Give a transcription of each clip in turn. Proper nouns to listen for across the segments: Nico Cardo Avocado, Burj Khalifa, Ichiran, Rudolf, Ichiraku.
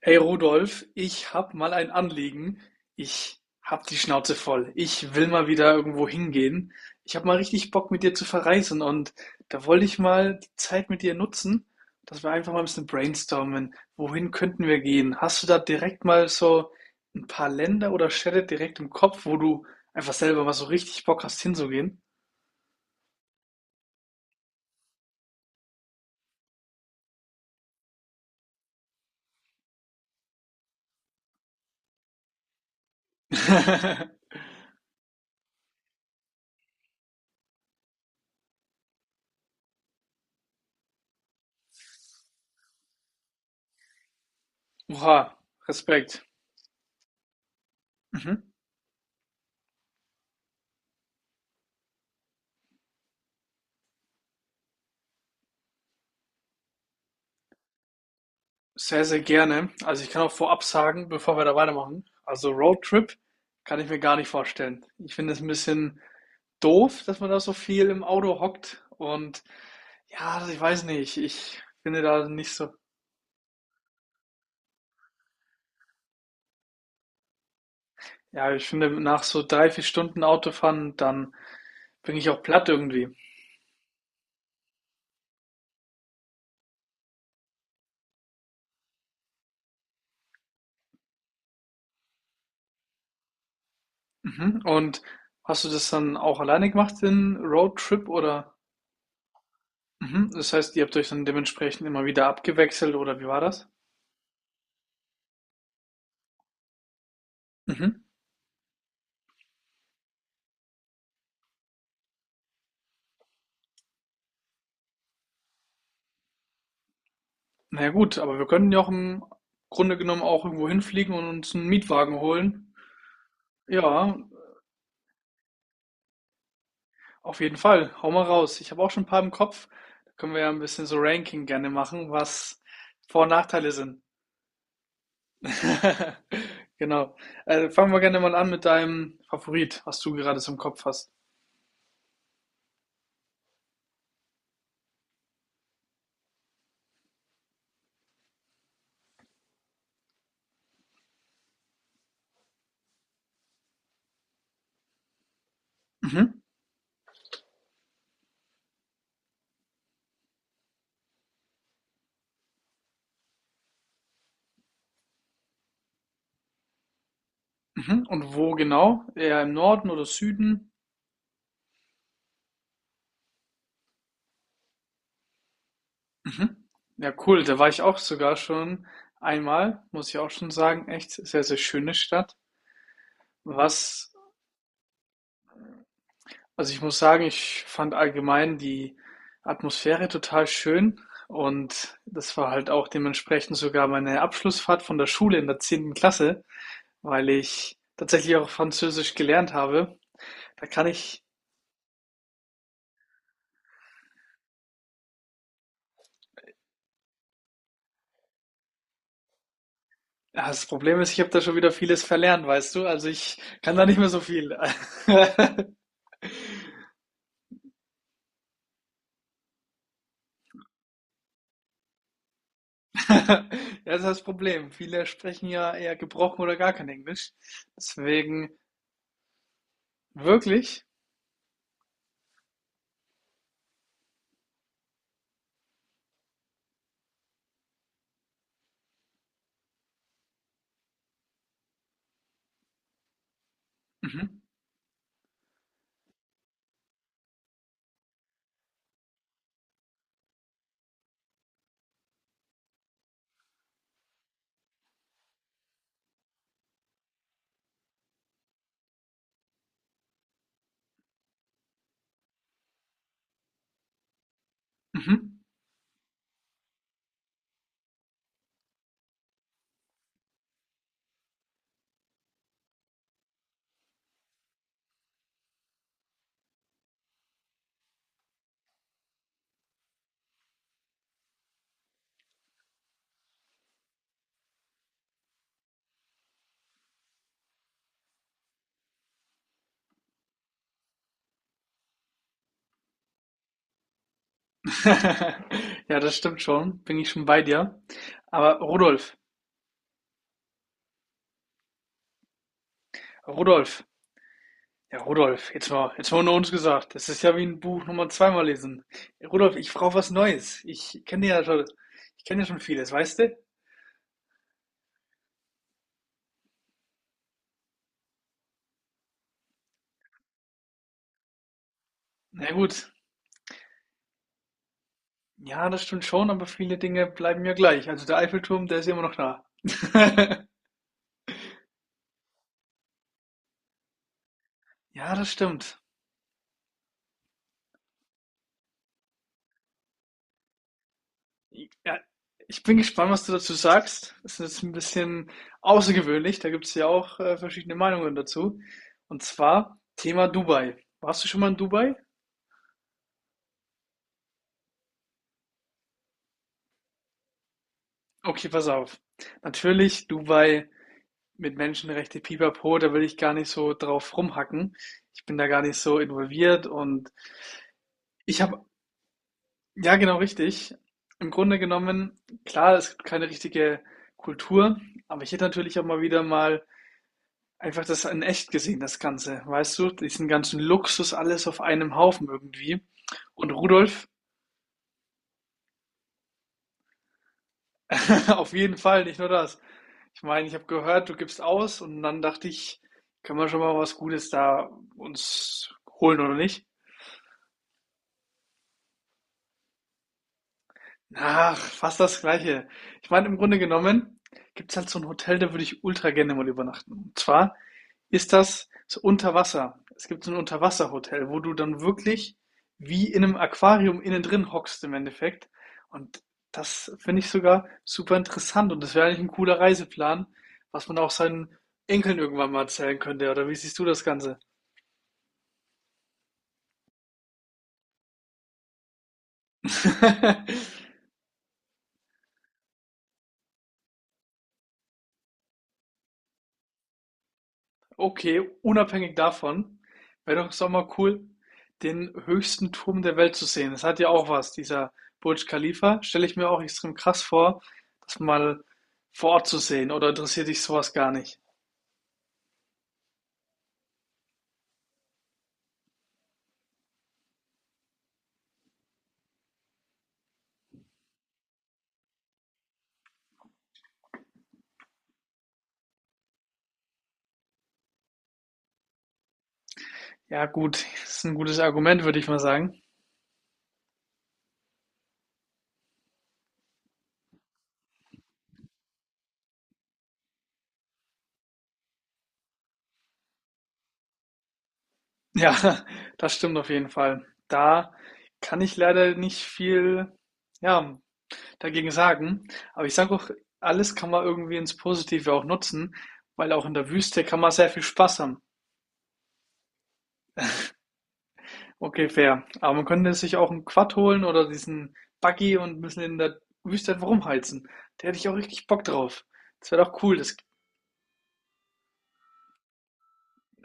Hey Rudolf, ich hab mal ein Anliegen. Ich hab die Schnauze voll. Ich will mal wieder irgendwo hingehen. Ich hab mal richtig Bock, mit dir zu verreisen und da wollte ich mal die Zeit mit dir nutzen, dass wir einfach mal ein bisschen brainstormen. Wohin könnten wir gehen? Hast du da direkt mal so ein paar Länder oder Städte direkt im Kopf, wo du einfach selber mal so richtig Bock hast, hinzugehen? Oha, Respekt. Mhm. Sehr, sehr gerne. Also, ich kann auch vorab sagen, bevor wir da weitermachen, also Roadtrip kann ich mir gar nicht vorstellen. Ich finde es ein bisschen doof, dass man da so viel im Auto hockt und ja, also ich weiß nicht, ich finde da nicht so. Ja, ich finde, nach so 3, 4 Stunden Autofahren, dann bin ich auch platt irgendwie. Mhm. Und hast du das dann auch alleine gemacht, den Roadtrip oder? Mhm, das heißt, ihr habt euch dann dementsprechend immer wieder abgewechselt oder wie war das? Mhm. Na ja gut, aber wir können ja auch im Grunde genommen auch irgendwo hinfliegen und uns einen Mietwagen holen. Ja, auf jeden Fall. Hau mal raus. Ich habe auch schon ein paar im Kopf. Da können wir ja ein bisschen so Ranking gerne machen, was Vor und Nachteile sind. Genau. Fangen wir gerne mal an mit deinem Favorit, was du gerade so im Kopf hast. Mhm. Mhm. Und wo genau? Eher im Norden oder Süden? Mhm. Ja, cool. Da war ich auch sogar schon einmal, muss ich auch schon sagen. Echt sehr, sehr schöne Stadt. Was Also, ich muss sagen, ich fand allgemein die Atmosphäre total schön und das war halt auch dementsprechend sogar meine Abschlussfahrt von der Schule in der 10. Klasse, weil ich tatsächlich auch Französisch gelernt habe. Da kann ich Ja, das Problem ist, ich habe da schon wieder vieles verlernt, weißt du? Also, ich kann da nicht mehr so viel. Ja, das ist das Problem. Viele sprechen ja eher gebrochen oder gar kein Englisch. Deswegen wirklich. Mhm, mhm. Ja, das stimmt schon. Bin ich schon bei dir. Aber Rudolf, Rudolf, ja, Rudolf, jetzt mal unter uns gesagt. Das ist ja wie ein Buch nochmal zweimal lesen. Rudolf, ich brauche was Neues. Ich kenne ja schon, ich kenne ja schon vieles, weißt du? Na gut. Ja, das stimmt schon, aber viele Dinge bleiben ja gleich. Also der Eiffelturm, der ist ja immer noch da. Ja, das stimmt. Ja, ich bin gespannt, was du dazu sagst. Das ist jetzt ein bisschen außergewöhnlich. Da gibt es ja auch verschiedene Meinungen dazu. Und zwar Thema Dubai. Warst du schon mal in Dubai? Okay, pass auf. Natürlich Dubai mit Menschenrechte, Pipapo, da will ich gar nicht so drauf rumhacken. Ich bin da gar nicht so involviert und ich habe, ja genau richtig, im Grunde genommen, klar, es gibt keine richtige Kultur, aber ich hätte natürlich auch mal wieder mal einfach das in echt gesehen, das Ganze, weißt du? Diesen ganzen Luxus, alles auf einem Haufen irgendwie. Und Rudolf, auf jeden Fall, nicht nur das. Ich meine, ich habe gehört, du gibst aus und dann dachte ich, können wir schon mal was Gutes da uns holen oder nicht? Ach, fast das Gleiche. Ich meine, im Grunde genommen gibt es halt so ein Hotel, da würde ich ultra gerne mal übernachten. Und zwar Ist das so unter Wasser? Es gibt so ein Unterwasserhotel, wo du dann wirklich wie in einem Aquarium innen drin hockst im Endeffekt. Und das finde ich sogar super interessant. Und das wäre eigentlich ein cooler Reiseplan, was man auch seinen Enkeln irgendwann mal erzählen könnte, oder wie siehst du das Ganze? Okay, unabhängig davon, wäre doch es doch mal cool, den höchsten Turm der Welt zu sehen. Das hat ja auch was, dieser Burj Khalifa. Stelle ich mir auch extrem krass vor, das mal vor Ort zu sehen. Oder interessiert dich sowas gar nicht? Ja, gut, das ist ein gutes Argument, würde ich mal sagen. Ja, das stimmt auf jeden Fall. Da kann ich leider nicht viel, ja, dagegen sagen. Aber ich sage auch, alles kann man irgendwie ins Positive auch nutzen, weil auch in der Wüste kann man sehr viel Spaß haben. Okay, fair. Aber man könnte sich auch 'n Quad holen oder diesen Buggy und 'n bisschen in der Wüste einfach rumheizen. Da hätte ich auch richtig Bock drauf. Das wäre doch cool. Das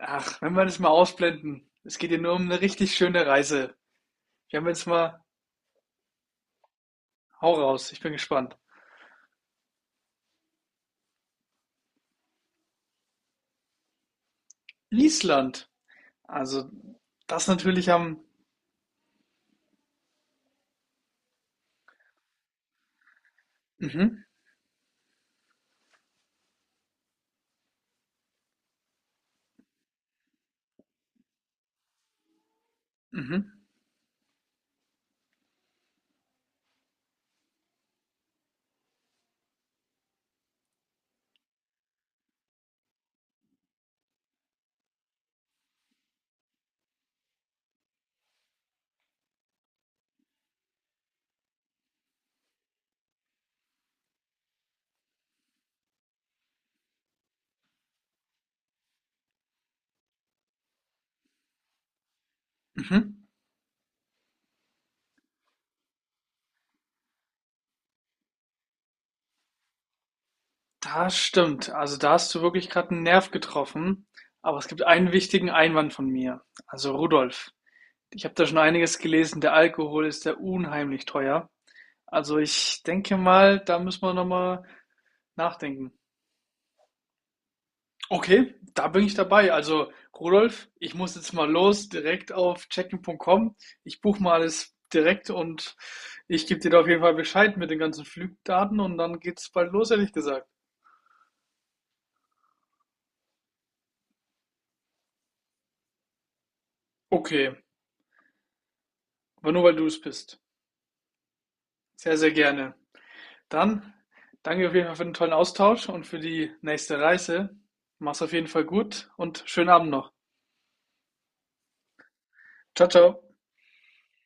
Ach, wenn wir das mal ausblenden. Es geht hier nur um eine richtig schöne Reise. Wir haben jetzt mal Hau raus, ich bin gespannt. Island. Also, das natürlich am. Mhm, mhm, mhm. Das stimmt. Also, da hast du wirklich gerade einen Nerv getroffen. Aber es gibt einen wichtigen Einwand von mir, also Rudolf. Ich habe da schon einiges gelesen. Der Alkohol ist ja unheimlich teuer. Also ich denke mal, da müssen wir nochmal nachdenken. Okay, da bin ich dabei. Also Rudolf, ich muss jetzt mal los, direkt auf checken.com. Ich buche mal alles direkt und ich gebe dir da auf jeden Fall Bescheid mit den ganzen Flugdaten und dann geht's bald los, ehrlich gesagt. Okay, aber nur weil du es bist. Sehr, sehr gerne. Dann danke auf jeden Fall für den tollen Austausch und für die nächste Reise. Mach's auf jeden Fall gut und schönen Abend noch. Ciao, ciao.